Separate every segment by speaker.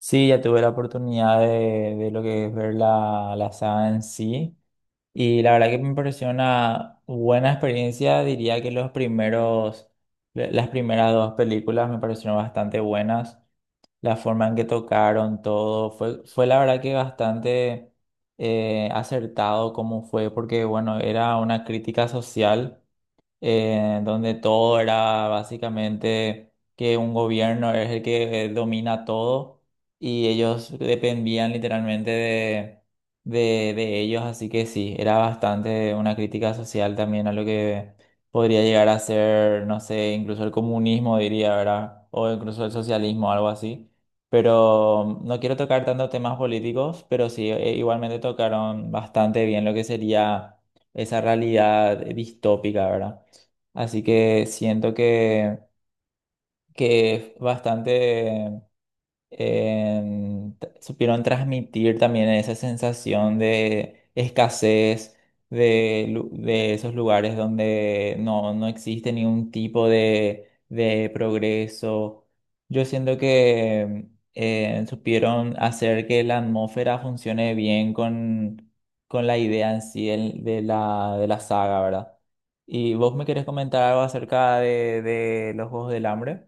Speaker 1: Sí, ya tuve la oportunidad de lo que es ver la saga en sí y la verdad que me pareció una buena experiencia. Diría que las primeras dos películas me parecieron bastante buenas. La forma en que tocaron todo fue la verdad que bastante acertado como fue porque bueno, era una crítica social donde todo era básicamente que un gobierno es el que domina todo y ellos dependían literalmente de ellos, así que sí, era bastante una crítica social también a lo que podría llegar a ser, no sé, incluso el comunismo diría, ¿verdad? O incluso el socialismo, algo así. Pero no quiero tocar tanto temas políticos, pero sí, igualmente tocaron bastante bien lo que sería esa realidad distópica, ¿verdad? Así que siento que es bastante supieron transmitir también esa sensación de escasez de esos lugares donde no existe ningún tipo de progreso. Yo siento que supieron hacer que la atmósfera funcione bien con la idea en sí de la saga, ¿verdad? ¿Y vos me querés comentar algo acerca de los Juegos del Hambre?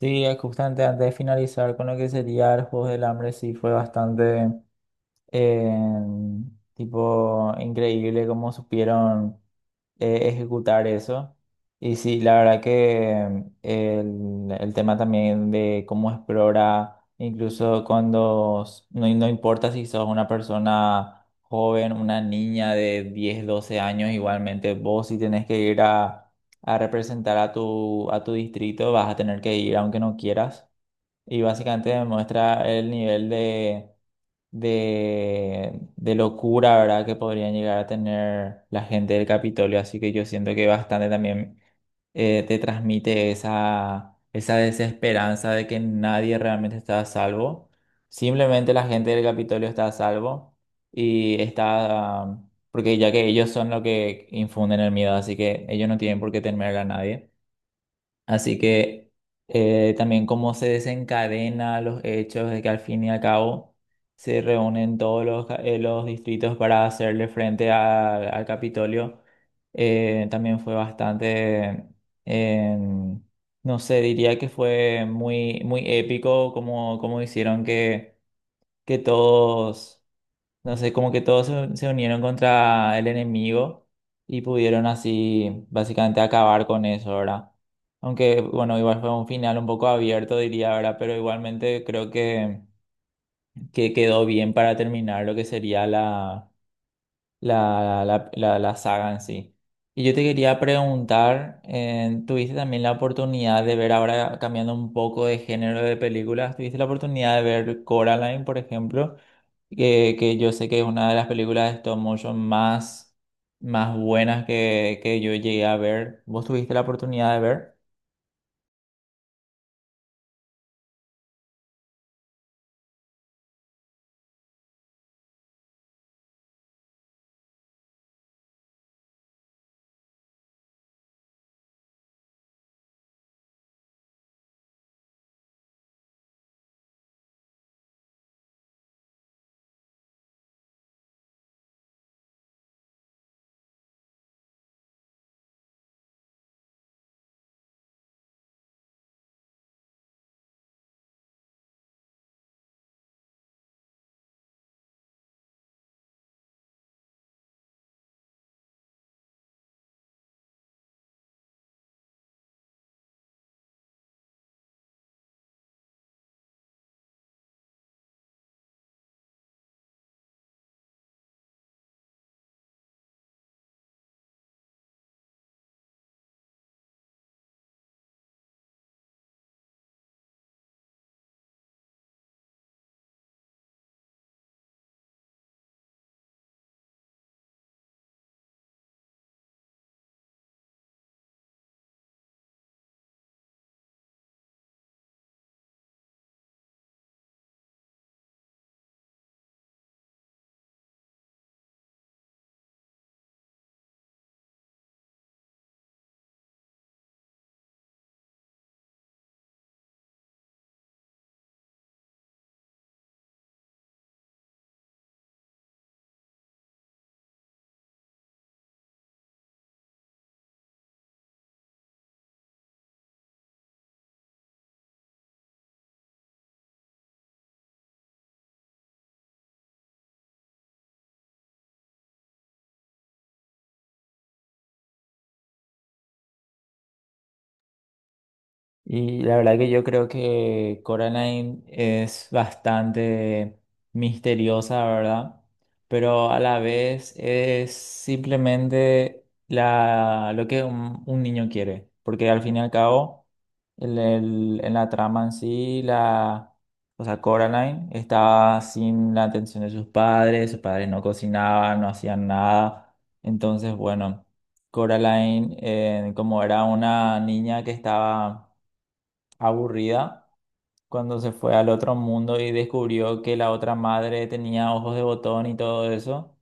Speaker 1: Sí, justamente antes de finalizar con lo que sería el Juego del Hambre, sí fue bastante eh, tipo increíble cómo supieron ejecutar eso. Y sí, la verdad que el tema también de cómo explora, incluso cuando no importa si sos una persona joven, una niña de 10, 12 años, igualmente vos si tenés que ir a representar a tu distrito, vas a tener que ir aunque no quieras, y básicamente me muestra el nivel de locura, ¿verdad? Que podrían llegar a tener la gente del Capitolio. Así que yo siento que bastante también te transmite esa desesperanza de que nadie realmente está a salvo. Simplemente la gente del Capitolio está a salvo y está, porque ya que ellos son los que infunden el miedo, así que ellos no tienen por qué temer a nadie. Así que también cómo se desencadena los hechos de que al fin y al cabo se reúnen todos los distritos para hacerle frente al Capitolio. También fue bastante, eh, no sé, diría que fue muy, muy épico como hicieron que todos, no sé, como que todos se unieron contra el enemigo y pudieron así básicamente acabar con eso, ¿verdad? Aunque, bueno, igual fue un final un poco abierto, diría, ¿verdad? Pero igualmente creo que quedó bien para terminar lo que sería la saga en sí. Y yo te quería preguntar, ¿tuviste también la oportunidad de ver, ahora cambiando un poco de género de películas? ¿Tuviste la oportunidad de ver Coraline, por ejemplo? Que yo sé que es una de las películas de stop motion más buenas que yo llegué a ver. ¿Vos tuviste la oportunidad de ver? Y la verdad que yo creo que Coraline es bastante misteriosa, ¿verdad? Pero a la vez es simplemente lo que un niño quiere. Porque al fin y al cabo, en la trama en sí, o sea, Coraline estaba sin la atención de sus padres no cocinaban, no hacían nada. Entonces, bueno, Coraline, como era una niña que estaba aburrida cuando se fue al otro mundo y descubrió que la otra madre tenía ojos de botón y todo eso,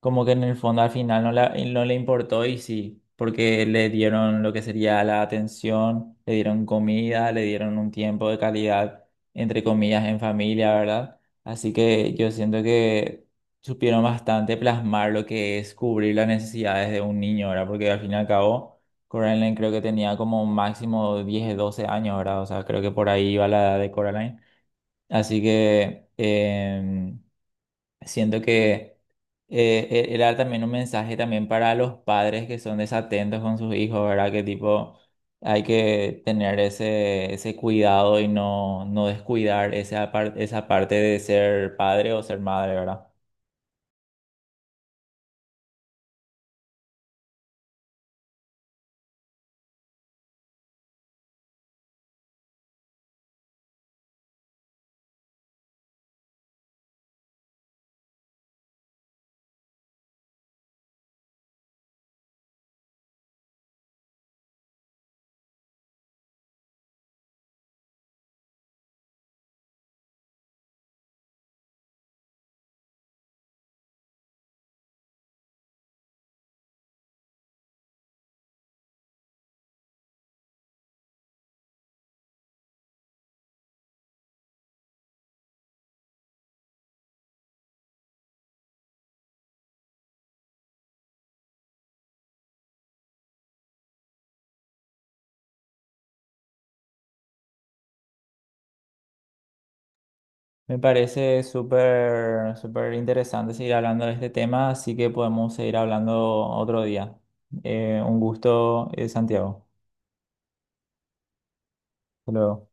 Speaker 1: como que en el fondo al final no, no le importó y sí, porque le dieron lo que sería la atención, le dieron comida, le dieron un tiempo de calidad, entre comillas, en familia, ¿verdad? Así que yo siento que supieron bastante plasmar lo que es cubrir las necesidades de un niño, ¿verdad? Porque al fin y al cabo. Coraline creo que tenía como un máximo 10, 12 años, ¿verdad? O sea, creo que por ahí iba la edad de Coraline. Así que siento que era también un mensaje también para los padres que son desatentos con sus hijos, ¿verdad? Que tipo hay que tener ese cuidado y no descuidar esa parte de ser padre o ser madre, ¿verdad? Me parece súper, súper interesante seguir hablando de este tema, así que podemos seguir hablando otro día. Un gusto, Santiago. Hasta luego.